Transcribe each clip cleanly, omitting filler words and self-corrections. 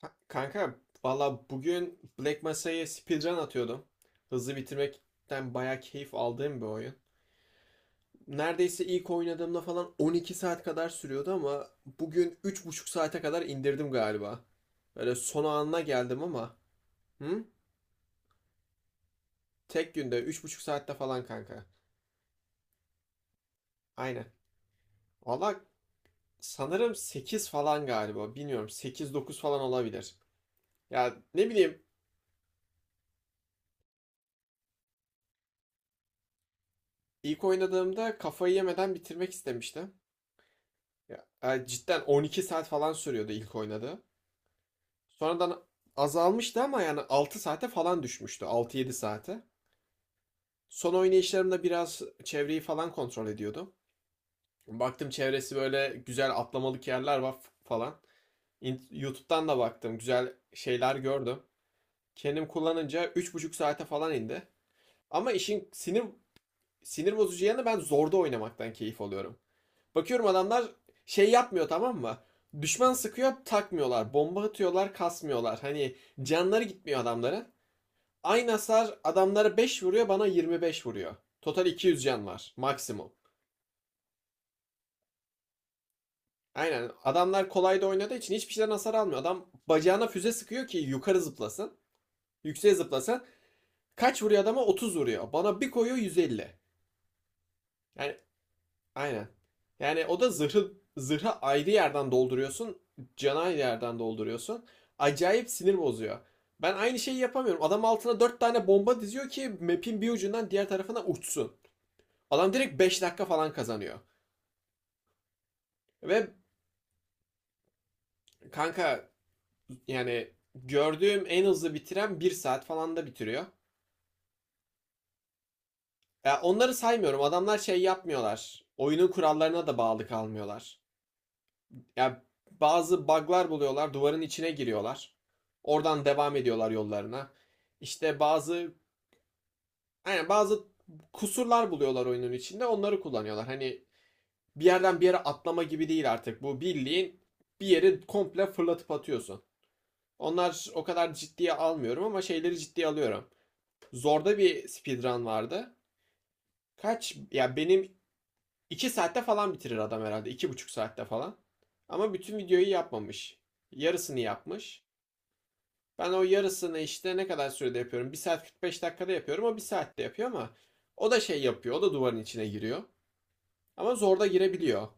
Kanka valla bugün Black Mesa'ya speedrun atıyordum. Hızlı bitirmekten bayağı keyif aldığım bir oyun. Neredeyse ilk oynadığımda falan 12 saat kadar sürüyordu ama bugün üç buçuk saate kadar indirdim galiba. Böyle son anına geldim ama. Hı? Tek günde üç buçuk saatte falan kanka. Aynen. Valla sanırım 8 falan galiba. Bilmiyorum 8-9 falan olabilir. Ya ne bileyim ilk oynadığımda kafayı yemeden bitirmek istemiştim. Ya, cidden 12 saat falan sürüyordu ilk oynadığı. Sonradan azalmıştı ama yani 6 saate falan düşmüştü. 6-7 saate. Son oynayışlarımda biraz çevreyi falan kontrol ediyordum. Baktım çevresi böyle güzel atlamalık yerler var falan. YouTube'dan da baktım. Güzel şeyler gördüm. Kendim kullanınca üç buçuk saate falan indi. Ama işin sinir bozucu yanı ben zorda oynamaktan keyif alıyorum. Bakıyorum adamlar şey yapmıyor, tamam mı? Düşman sıkıyor takmıyorlar. Bomba atıyorlar kasmıyorlar. Hani canları gitmiyor adamların. Aynı hasar adamlara 5 vuruyor, bana 25 vuruyor. Total 200 can var maksimum. Aynen, adamlar kolay da oynadığı için hiçbir şeyden hasar almıyor. Adam bacağına füze sıkıyor ki yukarı zıplasın. Yükseğe zıplasın. Kaç vuruyor adama? 30 vuruyor. Bana bir koyuyor 150. Yani Aynen. Yani o da zırhı ayrı yerden dolduruyorsun, canı ayrı yerden dolduruyorsun. Acayip sinir bozuyor. Ben aynı şeyi yapamıyorum. Adam altına dört tane bomba diziyor ki map'in bir ucundan diğer tarafına uçsun. Adam direkt 5 dakika falan kazanıyor. Ve kanka yani gördüğüm en hızlı bitiren bir saat falan da bitiriyor. Ya onları saymıyorum. Adamlar şey yapmıyorlar. Oyunun kurallarına da bağlı kalmıyorlar. Ya bazı bug'lar buluyorlar, duvarın içine giriyorlar. Oradan devam ediyorlar yollarına. İşte bazı kusurlar buluyorlar oyunun içinde, onları kullanıyorlar. Hani bir yerden bir yere atlama gibi değil artık. Bu bildiğin bir yeri komple fırlatıp atıyorsun. Onlar o kadar ciddiye almıyorum ama şeyleri ciddiye alıyorum. Zorda bir speedrun vardı. Kaç? Ya benim 2 saatte falan bitirir adam herhalde. İki buçuk saatte falan. Ama bütün videoyu yapmamış. Yarısını yapmış. Ben o yarısını işte ne kadar sürede yapıyorum? Bir saat 45 dakikada yapıyorum. O 1 saatte yapıyor ama o da şey yapıyor. O da duvarın içine giriyor. Ama zor da girebiliyor.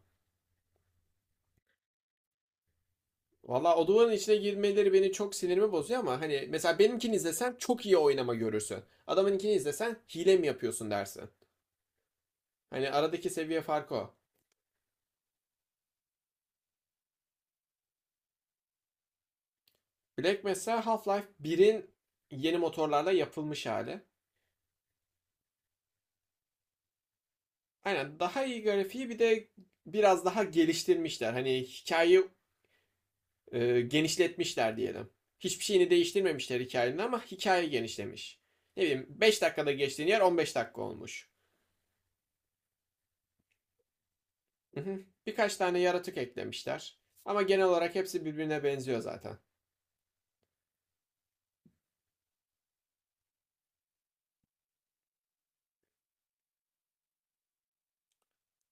Valla o duvarın içine girmeleri beni çok sinirimi bozuyor ama hani mesela benimkini izlesen çok iyi oynama görürsün. Adamınkini izlesen hile mi yapıyorsun dersin. Hani aradaki seviye farkı o. Black mesela Half-Life birin yeni motorlarla yapılmış hali. Aynen, daha iyi grafiği bir de biraz daha geliştirmişler. Hani hikayeyi genişletmişler diyelim. Hiçbir şeyini değiştirmemişler hikayenin ama hikaye genişlemiş. Ne bileyim 5 dakikada geçtiğin yer 15 dakika olmuş. Birkaç tane yaratık eklemişler. Ama genel olarak hepsi birbirine benziyor zaten.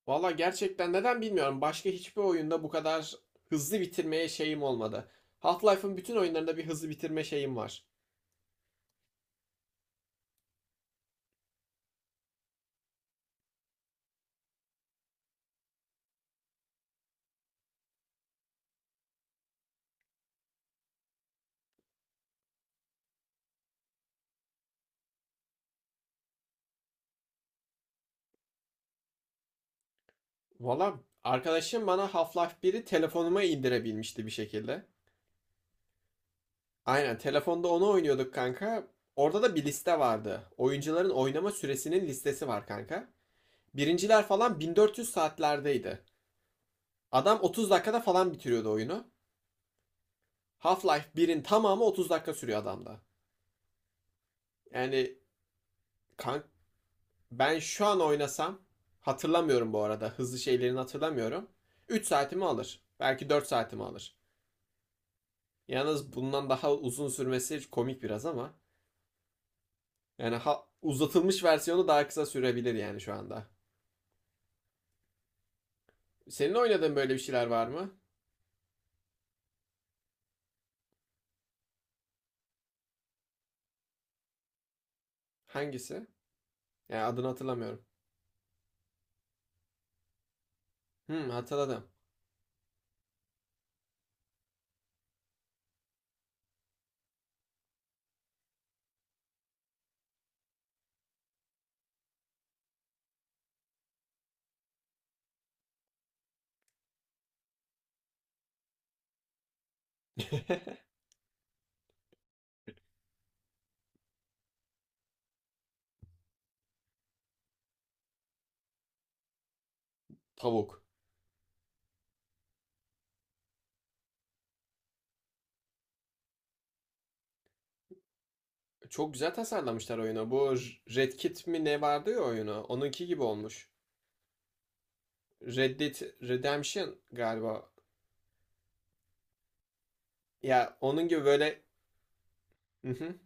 Valla gerçekten neden bilmiyorum. Başka hiçbir oyunda bu kadar hızlı bitirmeye şeyim olmadı. Half-Life'ın bütün oyunlarında bir hızlı bitirme şeyim var. Valla arkadaşım bana Half-Life biri telefonuma indirebilmişti bir şekilde. Aynen, telefonda onu oynuyorduk kanka. Orada da bir liste vardı. Oyuncuların oynama süresinin listesi var kanka. Birinciler falan 1400 saatlerdeydi. Adam 30 dakikada falan bitiriyordu oyunu. Half-Life birin tamamı 30 dakika sürüyor adamda. Yani kanka ben şu an oynasam, hatırlamıyorum bu arada. Hızlı şeylerini hatırlamıyorum. 3 saatimi alır. Belki 4 saatimi alır. Yalnız bundan daha uzun sürmesi komik biraz ama yani uzatılmış versiyonu daha kısa sürebilir yani şu anda. Senin oynadığın böyle bir şeyler var mı? Hangisi? Ya adını hatırlamıyorum. Hmm, hatırladım. Tavuk. Çok güzel tasarlamışlar oyunu. Bu Red Kit mi ne vardı ya oyunu? Onunki gibi olmuş. Red Dead Redemption galiba. Ya onun gibi böyle... Hı.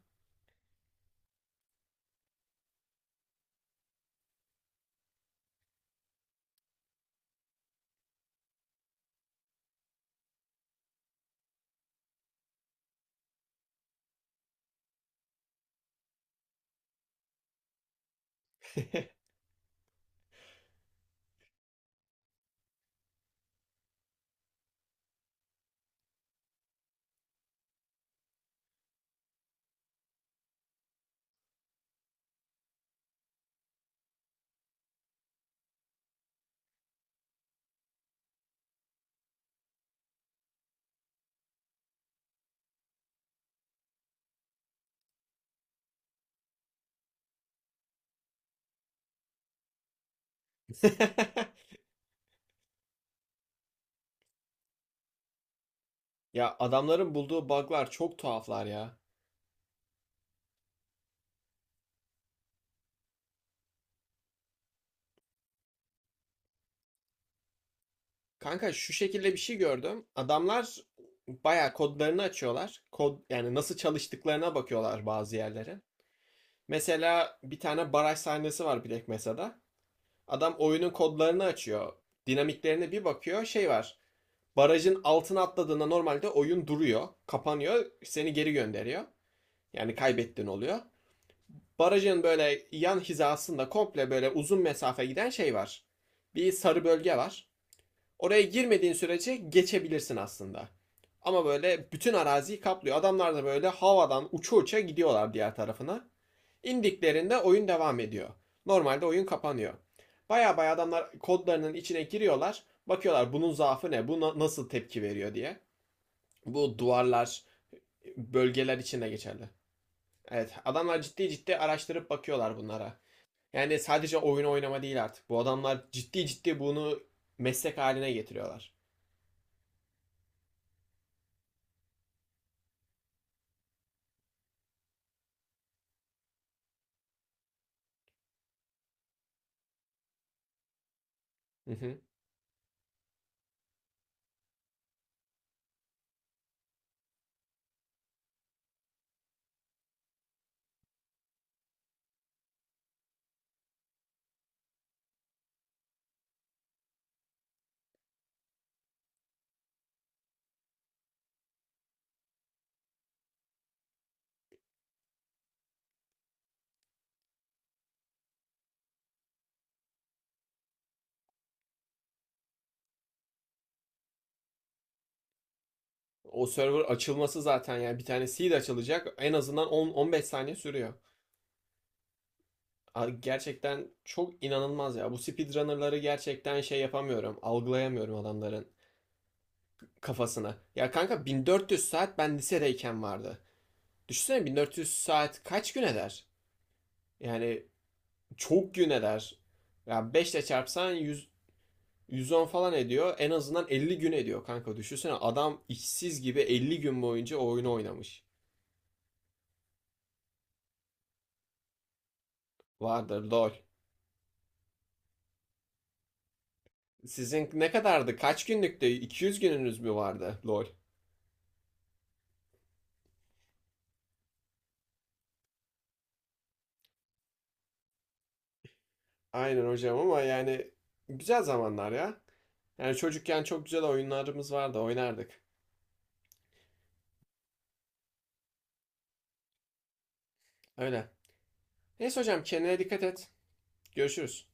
Ya adamların bulduğu bug'lar çok tuhaflar ya. Kanka şu şekilde bir şey gördüm. Adamlar bayağı kodlarını açıyorlar. Kod yani nasıl çalıştıklarına bakıyorlar bazı yerlere. Mesela bir tane baraj sahnesi var Black Mesa'da. Adam oyunun kodlarını açıyor. Dinamiklerine bir bakıyor. Şey var. Barajın altına atladığında normalde oyun duruyor. Kapanıyor. Seni geri gönderiyor. Yani kaybettin oluyor. Barajın böyle yan hizasında komple böyle uzun mesafe giden şey var. Bir sarı bölge var. Oraya girmediğin sürece geçebilirsin aslında. Ama böyle bütün araziyi kaplıyor. Adamlar da böyle havadan uça uça gidiyorlar diğer tarafına. İndiklerinde oyun devam ediyor. Normalde oyun kapanıyor. Baya baya adamlar kodlarının içine giriyorlar. Bakıyorlar bunun zaafı ne, bu nasıl tepki veriyor diye. Bu duvarlar, bölgeler için geçerli. Evet, adamlar ciddi ciddi araştırıp bakıyorlar bunlara. Yani sadece oyun oynama değil artık. Bu adamlar ciddi ciddi bunu meslek haline getiriyorlar. Hı hı. O server açılması zaten yani bir tane seed açılacak en azından 10-15 saniye sürüyor. Gerçekten çok inanılmaz ya. Bu speedrunner'ları gerçekten şey yapamıyorum. Algılayamıyorum adamların kafasını. Ya kanka 1400 saat ben lisedeyken vardı. Düşünsene 1400 saat kaç gün eder? Yani çok gün eder. Ya 5 ile çarpsan 110 falan ediyor. En azından 50 gün ediyor kanka. Düşünsene adam işsiz gibi 50 gün boyunca o oyunu oynamış. Vardır lol. Sizin ne kadardı? Kaç günlüktü? 200 gününüz mü vardı? Lol. Aynen hocam ama yani güzel zamanlar ya. Yani çocukken çok güzel oyunlarımız vardı. Oynardık. Öyle. Neyse hocam kendine dikkat et. Görüşürüz.